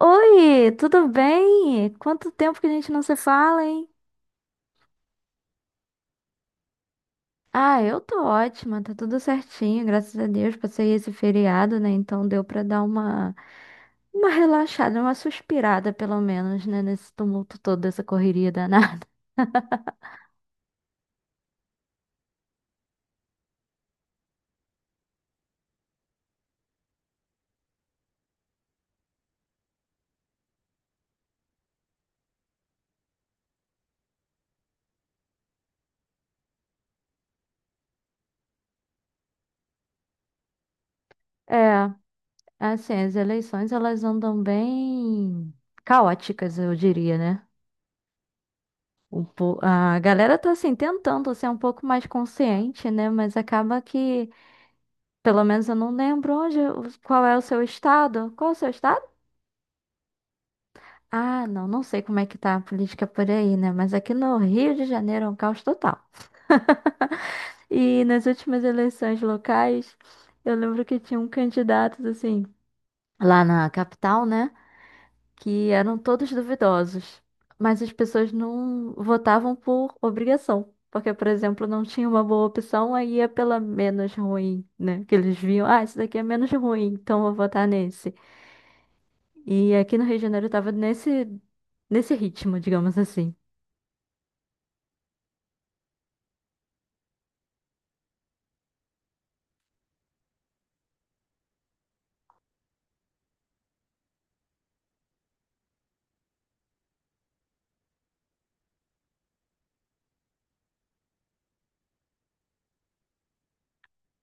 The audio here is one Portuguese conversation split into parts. Oi, tudo bem? Quanto tempo que a gente não se fala, hein? Ah, eu tô ótima, tá tudo certinho, graças a Deus. Passei esse feriado, né? Então deu pra dar uma relaxada, uma suspirada pelo menos, né, nesse tumulto todo, dessa correria danada. É, assim, as eleições elas andam bem caóticas, eu diria, né? A galera tá assim tentando ser um pouco mais consciente, né? Mas acaba que pelo menos eu não lembro onde, qual é o seu estado. Qual é o seu estado? Ah, não, não sei como é que tá a política por aí, né? Mas aqui no Rio de Janeiro é um caos total. E nas últimas eleições locais, eu lembro que tinha um candidato, assim, lá na capital, né? Que eram todos duvidosos. Mas as pessoas não votavam por obrigação. Porque, por exemplo, não tinha uma boa opção, aí ia pela menos ruim, né? Que eles viam, ah, esse daqui é menos ruim, então vou votar nesse. E aqui no Rio de Janeiro tava nesse ritmo, digamos assim.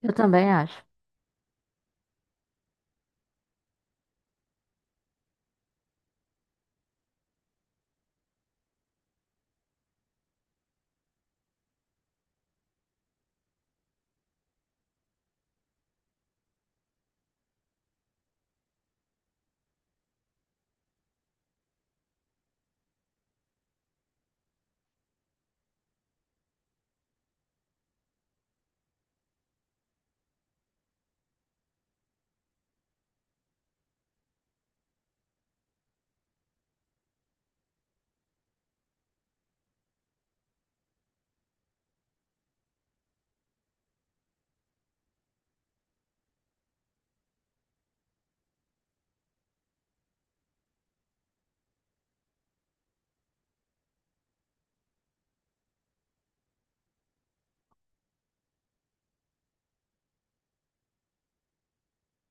Eu também acho.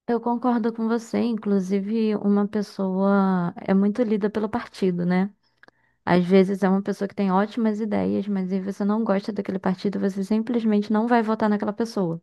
Eu concordo com você, inclusive uma pessoa é muito lida pelo partido, né? Às vezes é uma pessoa que tem ótimas ideias, mas aí você não gosta daquele partido, você simplesmente não vai votar naquela pessoa,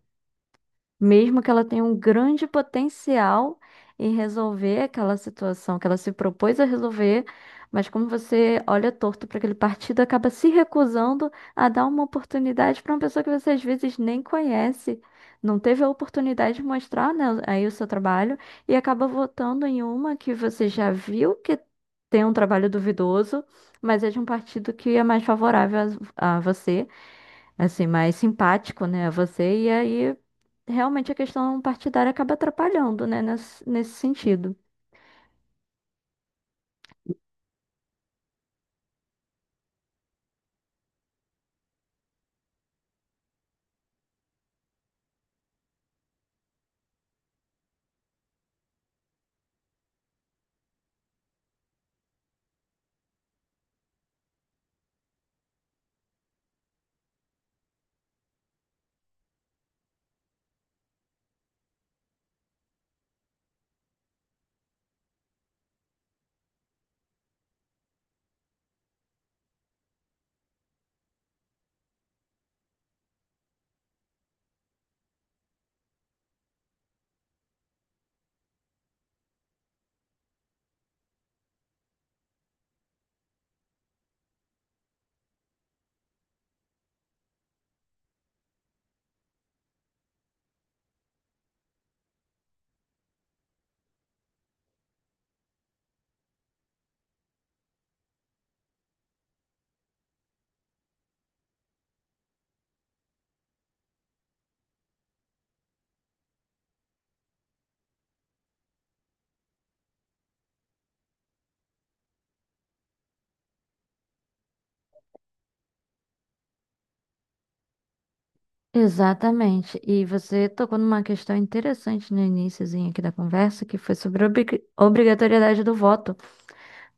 mesmo que ela tenha um grande potencial em resolver aquela situação que ela se propôs a resolver, mas como você olha torto para aquele partido, acaba se recusando a dar uma oportunidade para uma pessoa que você às vezes nem conhece, não teve a oportunidade de mostrar, né, aí o seu trabalho, e acaba votando em uma que você já viu que tem um trabalho duvidoso, mas é de um partido que é mais favorável a você, assim, mais simpático, né, a você, e aí realmente a questão partidária acaba atrapalhando, né, nesse sentido. Exatamente. E você tocou numa questão interessante no iniciozinho aqui da conversa, que foi sobre a obrigatoriedade do voto,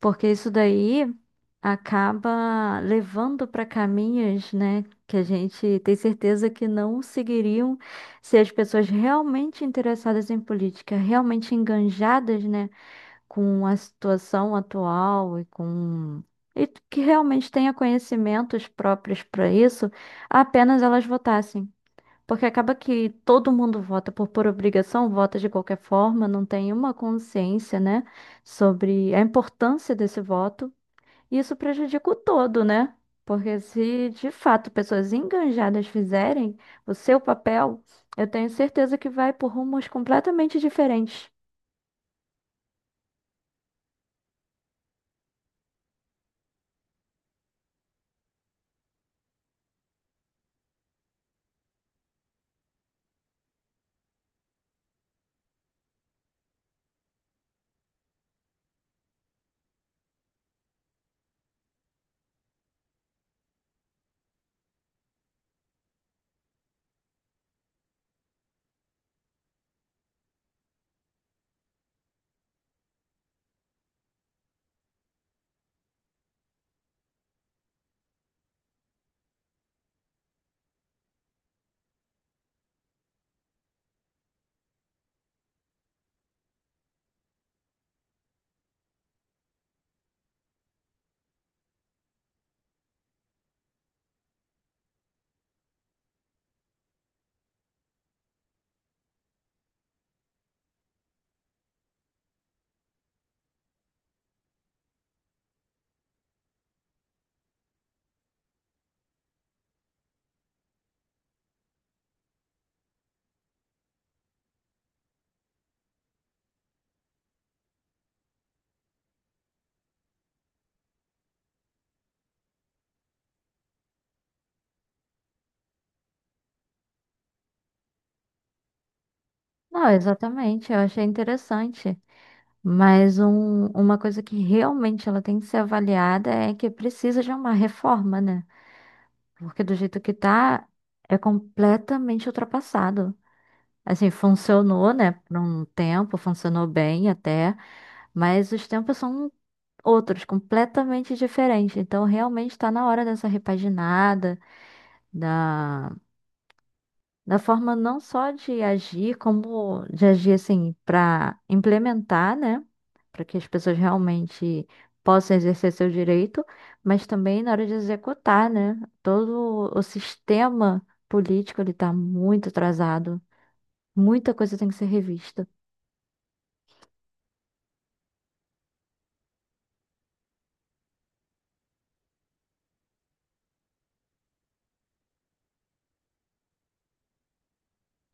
porque isso daí acaba levando para caminhos, né, que a gente tem certeza que não seguiriam se as pessoas realmente interessadas em política, realmente enganjadas, né, com a situação atual e que realmente tenha conhecimentos próprios para isso, apenas elas votassem. Porque acaba que todo mundo vota por obrigação, vota de qualquer forma, não tem uma consciência, né, sobre a importância desse voto. E isso prejudica o todo, né? Porque se de fato pessoas engajadas fizerem o seu papel, eu tenho certeza que vai por rumos completamente diferentes. Não, exatamente, eu achei interessante. Mas uma coisa que realmente ela tem que ser avaliada é que precisa de uma reforma, né? Porque do jeito que tá, é completamente ultrapassado. Assim, funcionou, né, por um tempo, funcionou bem até, mas os tempos são outros, completamente diferentes. Então, realmente está na hora dessa repaginada, na forma não só de agir, como de agir assim para implementar, né? Para que as pessoas realmente possam exercer seu direito, mas também na hora de executar, né? Todo o sistema político ele está muito atrasado, muita coisa tem que ser revista.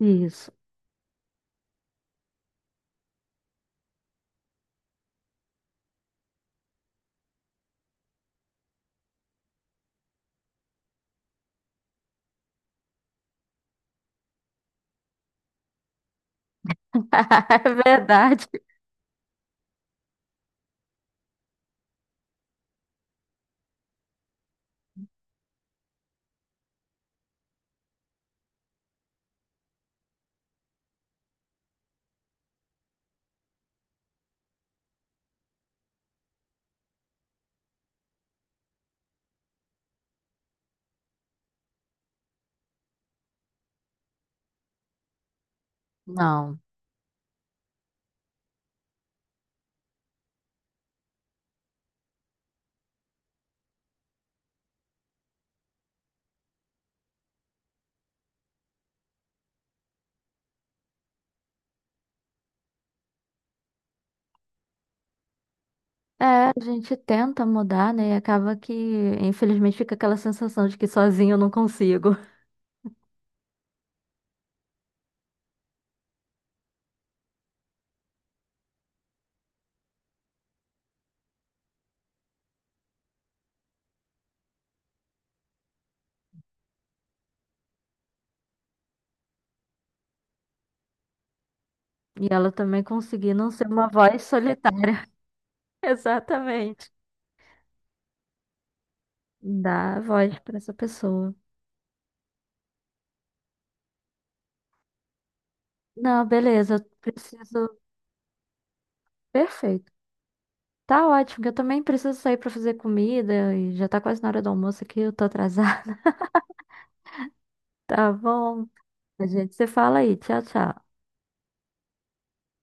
Isso. É verdade. Não. É, a gente tenta mudar, né? E acaba que, infelizmente, fica aquela sensação de que sozinho eu não consigo. E ela também conseguir não ser uma voz solitária. Exatamente. Dá voz para essa pessoa. Não, beleza, eu preciso. Perfeito. Tá ótimo, que eu também preciso sair para fazer comida e já tá quase na hora do almoço aqui, eu tô atrasada. Tá bom? A gente se fala aí. Tchau, tchau.